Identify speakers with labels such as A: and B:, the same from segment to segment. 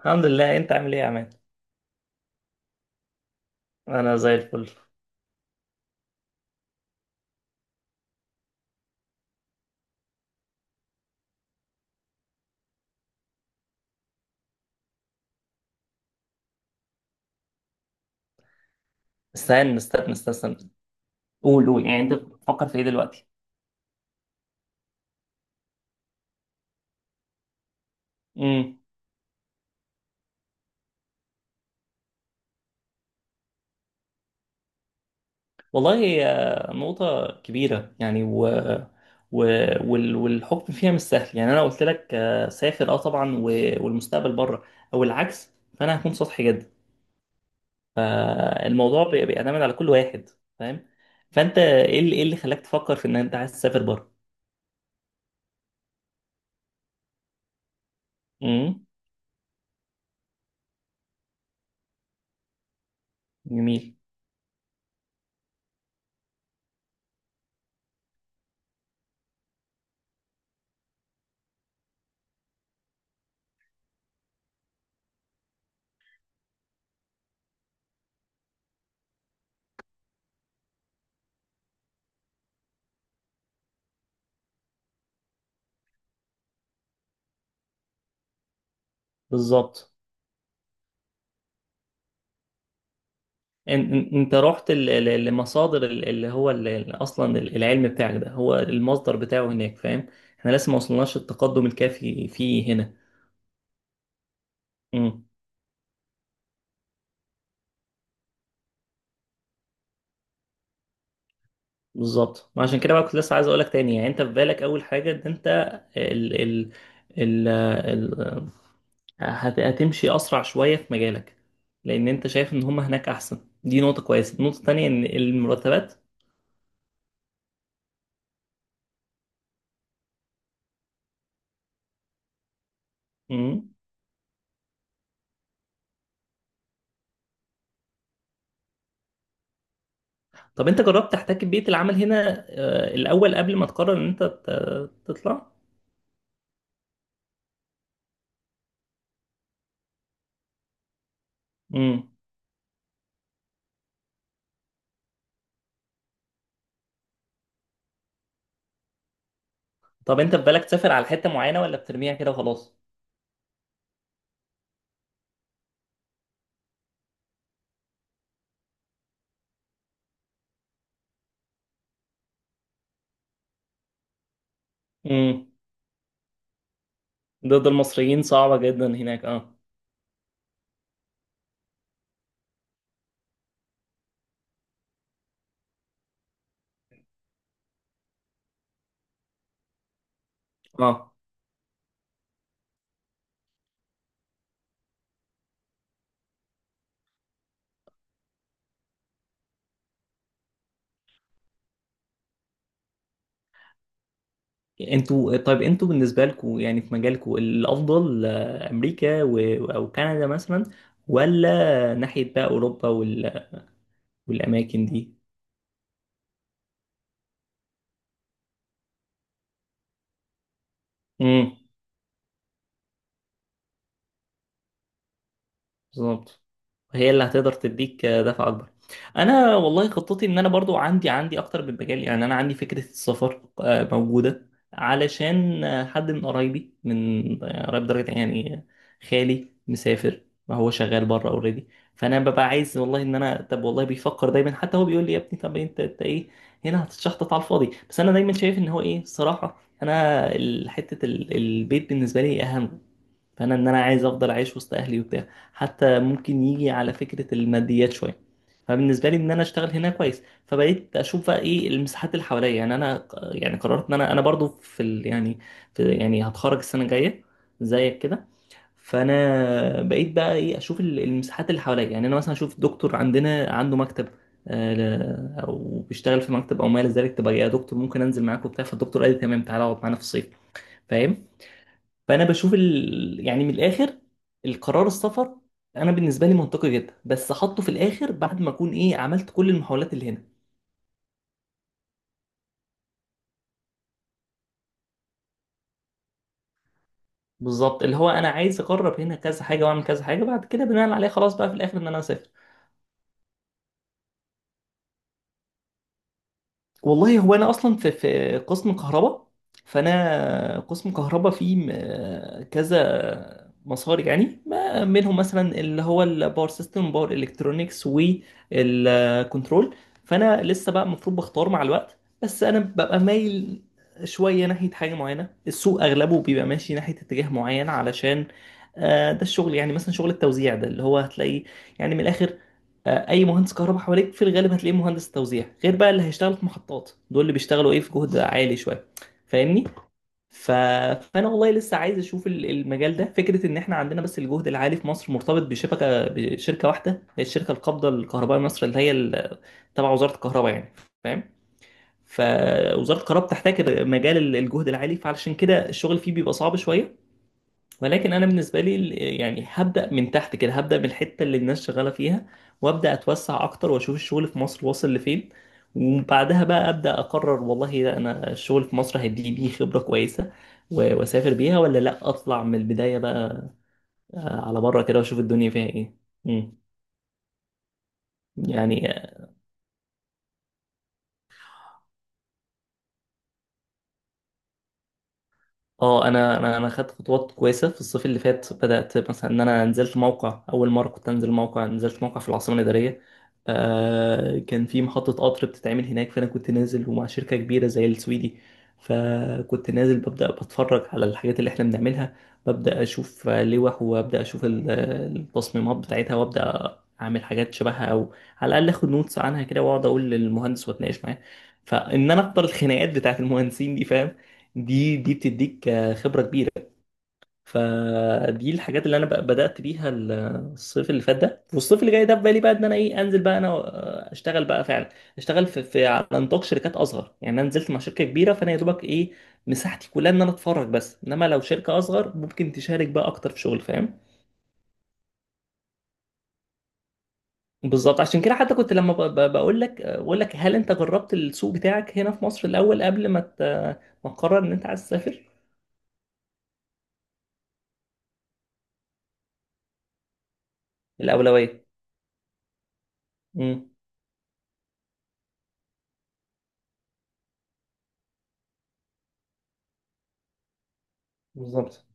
A: الحمد لله، انت عامل ايه يا عماد؟ انا زي الفل. استنى استنى استنى استنى. قول قول، يعني انت بتفكر في ايه دلوقتي؟ امم. والله آه، نقطة كبيرة يعني و... والحكم فيها مش سهل. يعني انا قلت لك آه، سافر اه طبعا والمستقبل بره، او العكس. فانا هكون سطحي جدا. فالموضوع بيعتمد على كل واحد، فاهم؟ فانت إيه اللي خلاك تفكر في ان انت عايز تسافر بره؟ امم. جميل. بالظبط. انت رحت لمصادر اللي هو اصلا العلم بتاعك ده، هو المصدر بتاعه هناك. فاهم، احنا لسه ما وصلناش التقدم الكافي فيه هنا. امم. بالظبط، ما عشان كده بقى كنت لسه عايز اقولك تاني. يعني انت في بالك اول حاجه ان انت ال ال ال ال هتمشي اسرع شويه في مجالك، لان انت شايف ان هم هناك احسن. دي نقطه كويسه. النقطه التانيه ان المرتبات. امم. طب انت جربت تحتك ببيئه العمل هنا الاول قبل ما تقرر ان انت تطلع؟ امم. طب انت في بالك تسافر على حتة معينة، ولا بترميها كده وخلاص؟ امم. ضد المصريين صعبة جدا هناك، اه. اه. طيب انتوا بالنسبة لكم يعني في مجالكم الافضل امريكا او كندا مثلا، ولا ناحية بقى اوروبا والاماكن دي؟ امم. بالظبط، هي اللي هتقدر تديك دفع اكبر. انا والله خطتي ان انا برضو عندي اكتر من مجال. يعني انا عندي فكره السفر آه، موجوده، علشان آه، حد من قرايبي، من آه، قرايب درجه يعني، خالي مسافر، ما هو شغال بره اوريدي. فانا ببقى عايز والله ان انا، طب والله بيفكر دايما، حتى هو بيقول لي يا ابني، طب انت ايه هنا هتتشحطط على الفاضي. بس انا دايما شايف ان هو ايه الصراحه، انا حته البيت بالنسبه لي اهم. فانا ان انا عايز افضل عايش وسط اهلي وبتاع. حتى ممكن يجي على فكره الماديات شويه. فبالنسبه لي ان انا اشتغل هنا كويس، فبقيت اشوف بقى ايه المساحات اللي حواليا. يعني انا يعني قررت ان انا برضو في ال يعني في يعني هتخرج السنه الجايه زيك كده. فانا بقيت بقى ايه اشوف المساحات اللي حواليا. يعني انا مثلا اشوف دكتور عندنا عنده مكتب او بيشتغل في مكتب او ما الى ذلك، تبقى يا دكتور ممكن انزل معاك وبتاع. فالدكتور قال لي تمام، تعالى اقعد معانا في الصيف. فاهم؟ فانا بشوف يعني من الاخر، القرار السفر انا بالنسبه لي منطقي جدا، بس احطه في الاخر بعد ما اكون ايه عملت كل المحاولات اللي هنا. بالظبط، اللي هو انا عايز اجرب هنا كذا حاجه واعمل كذا حاجه، بعد كده بناء عليه خلاص بقى في الاخر ان انا اسافر. والله هو انا اصلا في قسم كهرباء. فانا قسم كهرباء فيه كذا مسار. يعني ما منهم مثلا اللي هو الباور سيستم، باور الكترونكس، والكنترول. فانا لسه بقى المفروض بختار مع الوقت. بس انا ببقى مايل شويه ناحيه حاجه معينه، السوق اغلبه بيبقى ماشي ناحيه اتجاه معين، علشان ده الشغل. يعني مثلا شغل التوزيع ده اللي هو هتلاقيه، يعني من الاخر اي مهندس كهرباء حواليك في الغالب هتلاقيه مهندس توزيع، غير بقى اللي هيشتغل في محطات. دول اللي بيشتغلوا ايه في جهد عالي شويه، فاهمني؟ ف... فانا والله لسه عايز اشوف المجال ده، فكره ان احنا عندنا بس الجهد العالي في مصر مرتبط بشركه واحده، هي الشركه القابضه للكهرباء مصر، اللي هي تبع وزاره الكهرباء يعني. فاهم؟ فوزاره الكهرباء بتحتاج مجال الجهد العالي، فعلشان كده الشغل فيه بيبقى صعب شويه. ولكن انا بالنسبه لي يعني هبدا من تحت كده، هبدا من الحته اللي الناس شغاله فيها، وابدا اتوسع اكتر، واشوف الشغل في مصر واصل لفين. وبعدها بقى ابدا اقرر، والله لا انا الشغل في مصر هيديني بيه خبره كويسه واسافر بيها، ولا لا اطلع من البدايه بقى على بره كده، واشوف الدنيا فيها ايه. مم. يعني اه، انا خدت خطوات كويسه في الصيف اللي فات. بدات مثلا ان انا نزلت موقع، اول مره كنت انزل موقع، نزلت موقع في العاصمه الاداريه، كان في محطه قطر بتتعمل هناك، فانا كنت نازل ومع شركه كبيره زي السويدي. فكنت نازل ببدا بتفرج على الحاجات اللي احنا بنعملها، ببدا اشوف لوح، وابدا اشوف التصميمات بتاعتها، وابدا اعمل حاجات شبهها، او على الاقل اخد نوتس عنها كده، واقعد اقول للمهندس واتناقش معاه. فان انا اقدر الخناقات بتاعت المهندسين دي، فاهم؟ دي بتديك خبرة كبيرة. فدي الحاجات اللي انا بدأت بيها الصيف اللي فات ده. والصيف اللي جاي ده، في بالي بقى ان انا ايه، انزل بقى انا اشتغل بقى فعلا. اشتغل في على نطاق شركات اصغر. يعني انا نزلت مع شركة كبيرة، فانا يا دوبك ايه مساحتي كلها ان انا اتفرج بس، انما لو شركة اصغر ممكن تشارك بقى اكتر في شغل، فاهم. بالظبط، عشان كده حتى كنت لما بقول لك هل انت جربت السوق بتاعك هنا في مصر الاول قبل ما ما تقرر ان انت عايز تسافر. الاولوية. امم. بالظبط،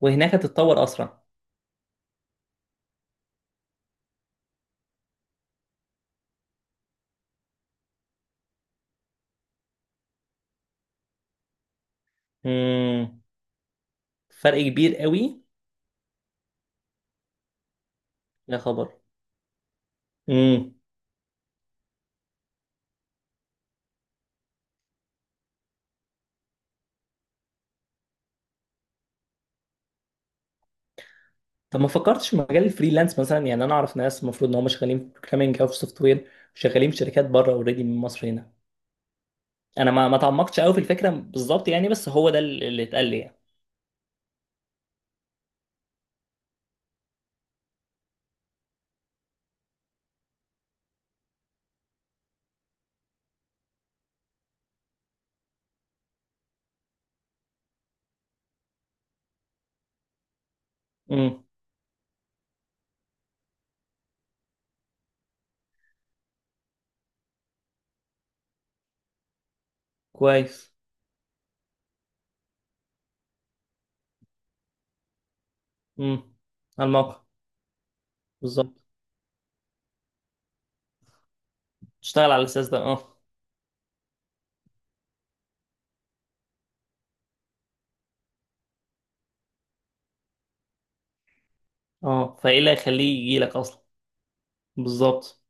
A: وهناك هتتطور اسرع. امم. فرق كبير قوي. يا خبر. امم. طب ما فكرتش في مجال الفريلانس مثلا؟ يعني انا اعرف ناس المفروض ان هم شغالين في بروجرامنج او في سوفت وير، شغالين في شركات بره اوريدي من مصر هنا. انا ما تعمقتش قوي في الفكره بالظبط، يعني بس هو ده اللي اتقال لي يعني. امم. كويس. امم. على الموقع. بالظبط، تشتغل على الاساس ده، اه. اه، فايه اللي هيخليه يجي لك اصلا؟ بالظبط.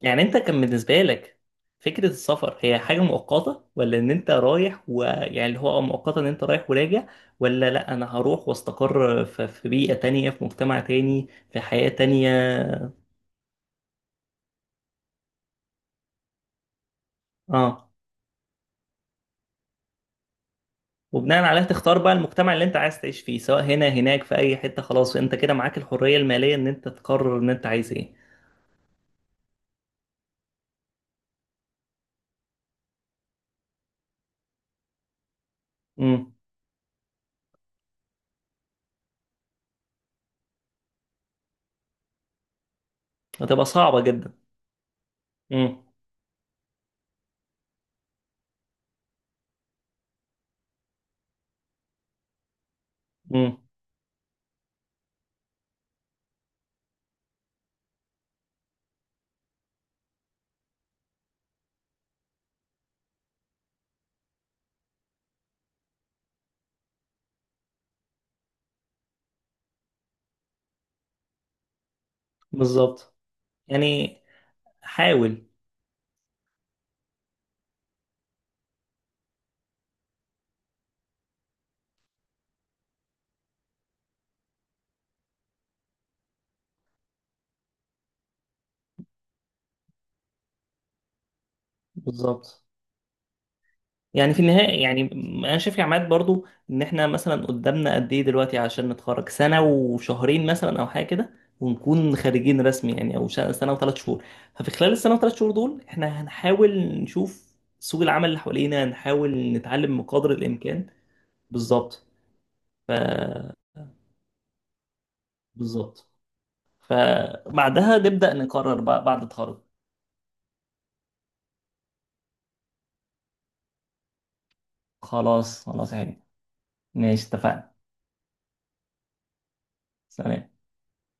A: يعني انت كان بالنسبة لك فكرة السفر هي حاجة مؤقتة، ولا ان انت رايح، ويعني اللي هو مؤقتة ان انت رايح وراجع؟ ولا لا انا هروح واستقر في بيئة تانية، في مجتمع تاني، في حياة تانية. اه، وبناء عليها تختار بقى المجتمع اللي انت عايز تعيش فيه، سواء هنا هناك في اي حتة، خلاص انت كده معاك الحرية المالية ان انت تقرر ان انت عايز ايه. امم. هتبقى صعبة جدا. امم. امم. بالظبط. يعني حاول. بالظبط. يعني في النهاية، يعني أنا شايف يا عماد برضو إن إحنا مثلا قدامنا قد إيه دلوقتي، عشان نتخرج سنة وشهرين مثلا أو حاجة كده، ونكون خارجين رسمي، يعني أو سنة و3 شهور. ففي خلال السنة و3 شهور دول إحنا هنحاول نشوف سوق العمل اللي حوالينا، هنحاول نتعلم بقدر الإمكان. بالظبط. ف بالظبط. فبعدها نبدأ نقرر بقى بعد التخرج. خلاص خلاص يا حبيبي، ماشي، اتفقنا. سلام.